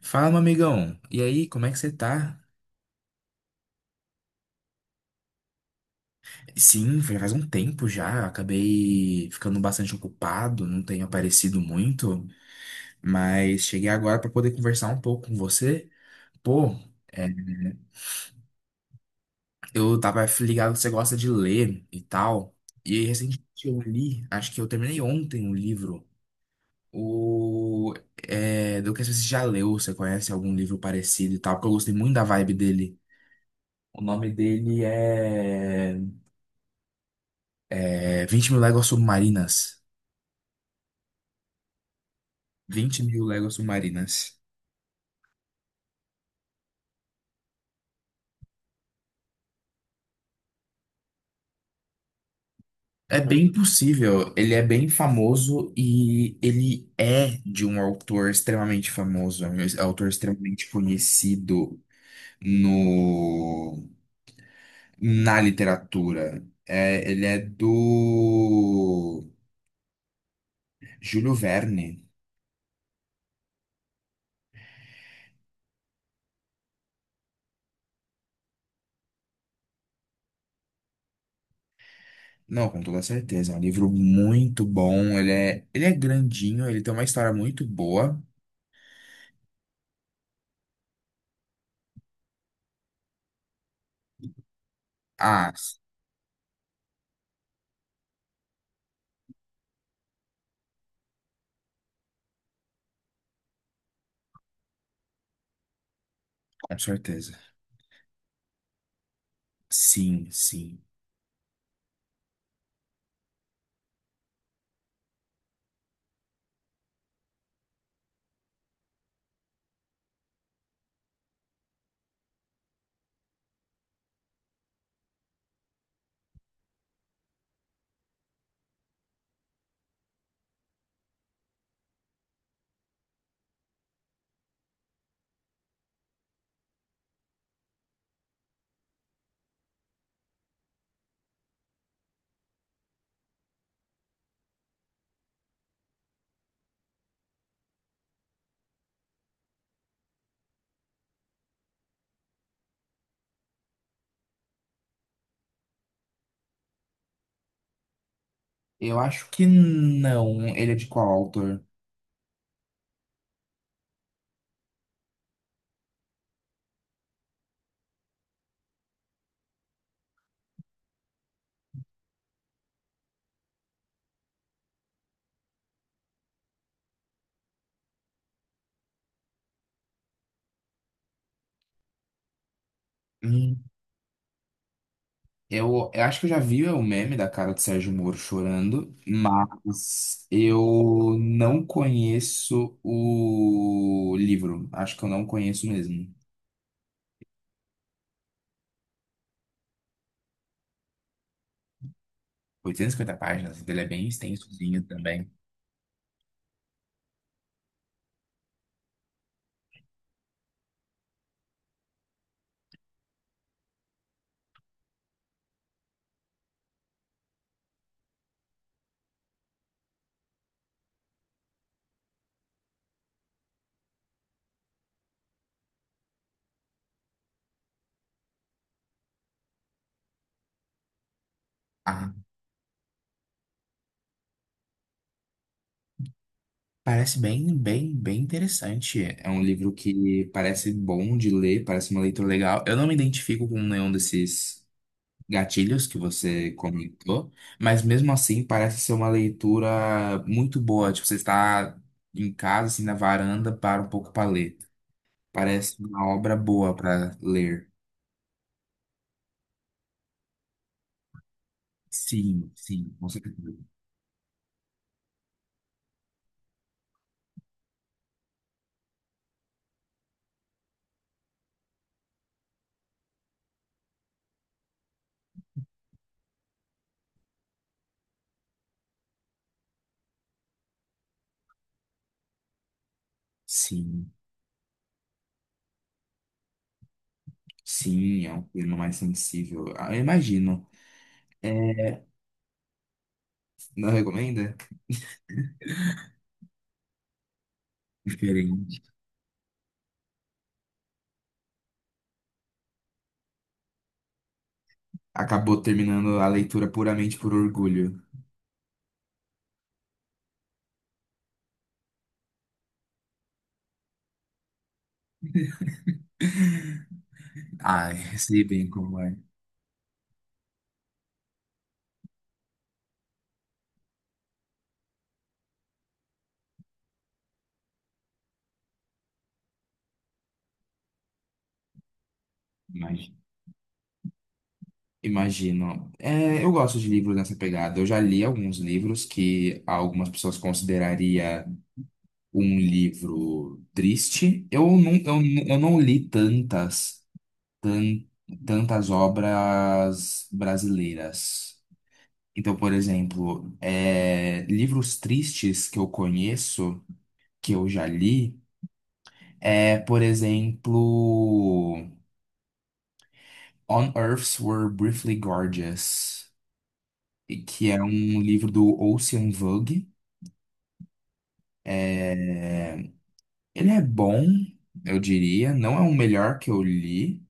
Fala, meu amigão. E aí, como é que você tá? Sim, já faz um tempo já. Acabei ficando bastante ocupado, não tenho aparecido muito, mas cheguei agora para poder conversar um pouco com você. Pô, é, eu tava ligado que você gosta de ler e tal. E recentemente eu li, acho que eu terminei ontem um livro. O, do que você já leu, você conhece algum livro parecido e tal, porque eu gostei muito da vibe dele. O nome dele é 20 Mil Léguas Submarinas. 20 mil léguas submarinas. É bem possível, ele é bem famoso e ele é de um autor extremamente famoso, é um autor extremamente conhecido no, na literatura. É, ele é do Júlio Verne. Não, com toda certeza, é um livro muito bom, ele é grandinho, ele tem uma história muito boa. Ah, com certeza. Sim, sim. Eu acho que não. Ele é de qual autor? Hum, eu acho que eu já vi o meme da cara do Sérgio Moro chorando, mas eu não conheço o livro. Acho que eu não conheço mesmo. 850 páginas, ele é bem extensozinho também. Ah, parece bem, bem, bem interessante. É um livro que parece bom de ler, parece uma leitura legal. Eu não me identifico com nenhum desses gatilhos que você comentou, mas mesmo assim parece ser uma leitura muito boa. Tipo, você está em casa, assim, na varanda, para um pouco para ler. Parece uma obra boa para ler. Sim, sim, com certeza. Sim, sim, é um termo mais sensível. Ah, eu imagino. É, não recomenda? Diferente. Acabou terminando a leitura puramente por orgulho. Ai, sei bem como é. Imagino. É, eu gosto de livros nessa pegada. Eu já li alguns livros que algumas pessoas consideraria um livro triste. Eu não li tan- tantas obras brasileiras. Então, por exemplo, livros tristes que eu conheço, que eu já li, por exemplo, On Earths Were Briefly Gorgeous. E que é um livro do Ocean Vuong. Ele é bom, eu diria, não é o melhor que eu li.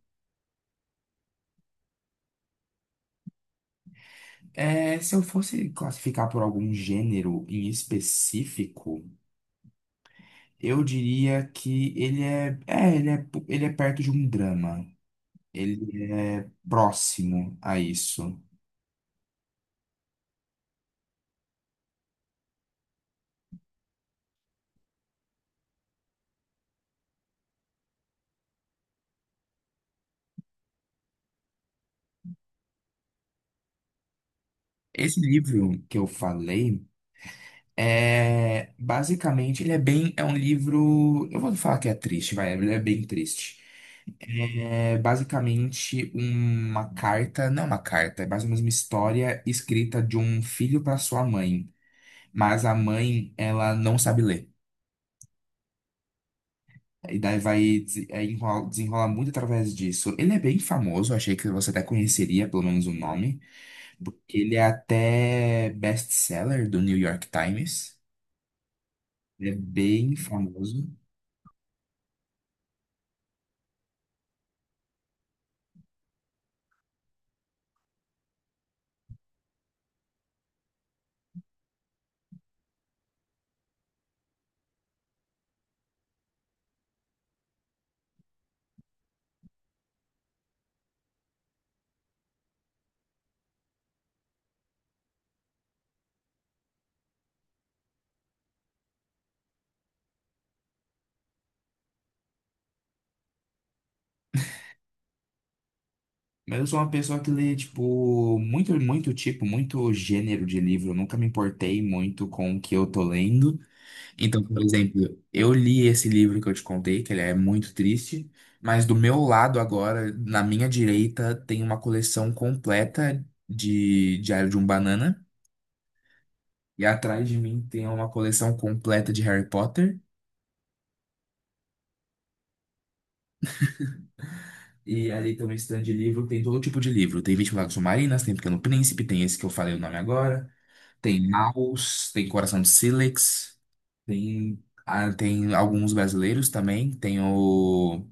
É, se eu fosse classificar por algum gênero em específico, eu diria que ele é perto de um drama. Ele é próximo a isso. Esse livro que eu falei. É, basicamente, é um livro, eu vou falar que é triste, vai, ele é bem triste. É basicamente uma carta, não é uma carta, é mais ou menos uma história escrita de um filho para sua mãe, mas a mãe, ela não sabe ler. E daí vai desenrolar muito através disso. Ele é bem famoso, achei que você até conheceria pelo menos o nome, porque ele é até best-seller do New York Times. Ele é bem famoso. Mas eu sou uma pessoa que lê, tipo, muito, muito tipo, muito gênero de livro. Eu nunca me importei muito com o que eu tô lendo. Então, por exemplo, eu li esse livro que eu te contei, que ele é muito triste, mas do meu lado agora, na minha direita, tem uma coleção completa de Diário de um Banana. E atrás de mim tem uma coleção completa de Harry Potter. E ali tem um stand de livro, tem todo tipo de livro. Tem 20 Lágrimas Submarinas, tem Pequeno Príncipe, tem esse que eu falei o nome agora. Tem Maus, tem Coração de Sílex, tem alguns brasileiros também. Tem o,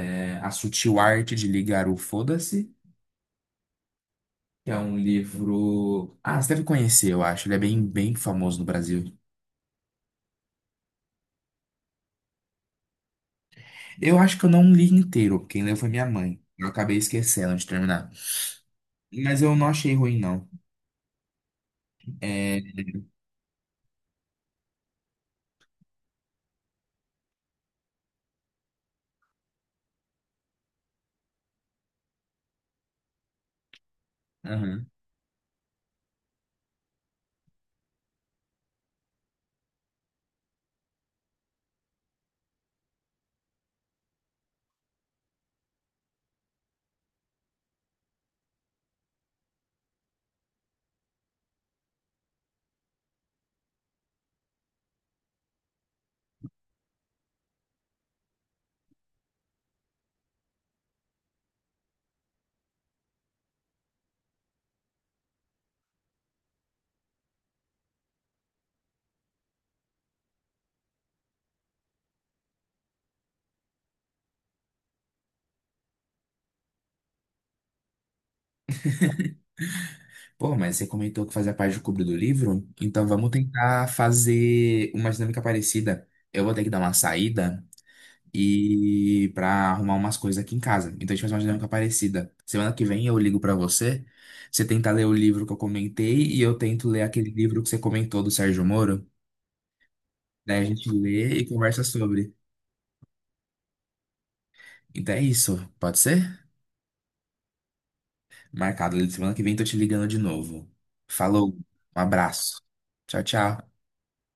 é, A Sutil Arte de Ligar o Foda-se, que é um livro. Ah, você deve conhecer, eu acho. Ele é bem, bem famoso no Brasil. Eu acho que eu não li inteiro, quem leu foi minha mãe. Eu acabei esquecendo de terminar. Mas eu não achei ruim, não. É. Aham. Pô, mas você comentou que fazia parte do clube do livro, então vamos tentar fazer uma dinâmica parecida. Eu vou ter que dar uma saída, e pra arrumar umas coisas aqui em casa. Então a gente faz uma dinâmica parecida. Semana que vem eu ligo pra você, você tenta ler o livro que eu comentei e eu tento ler aquele livro que você comentou do Sérgio Moro. Daí a gente lê e conversa sobre. Então é isso, pode ser? Marcado. Semana que vem tô te ligando de novo. Falou, um abraço. Tchau, tchau.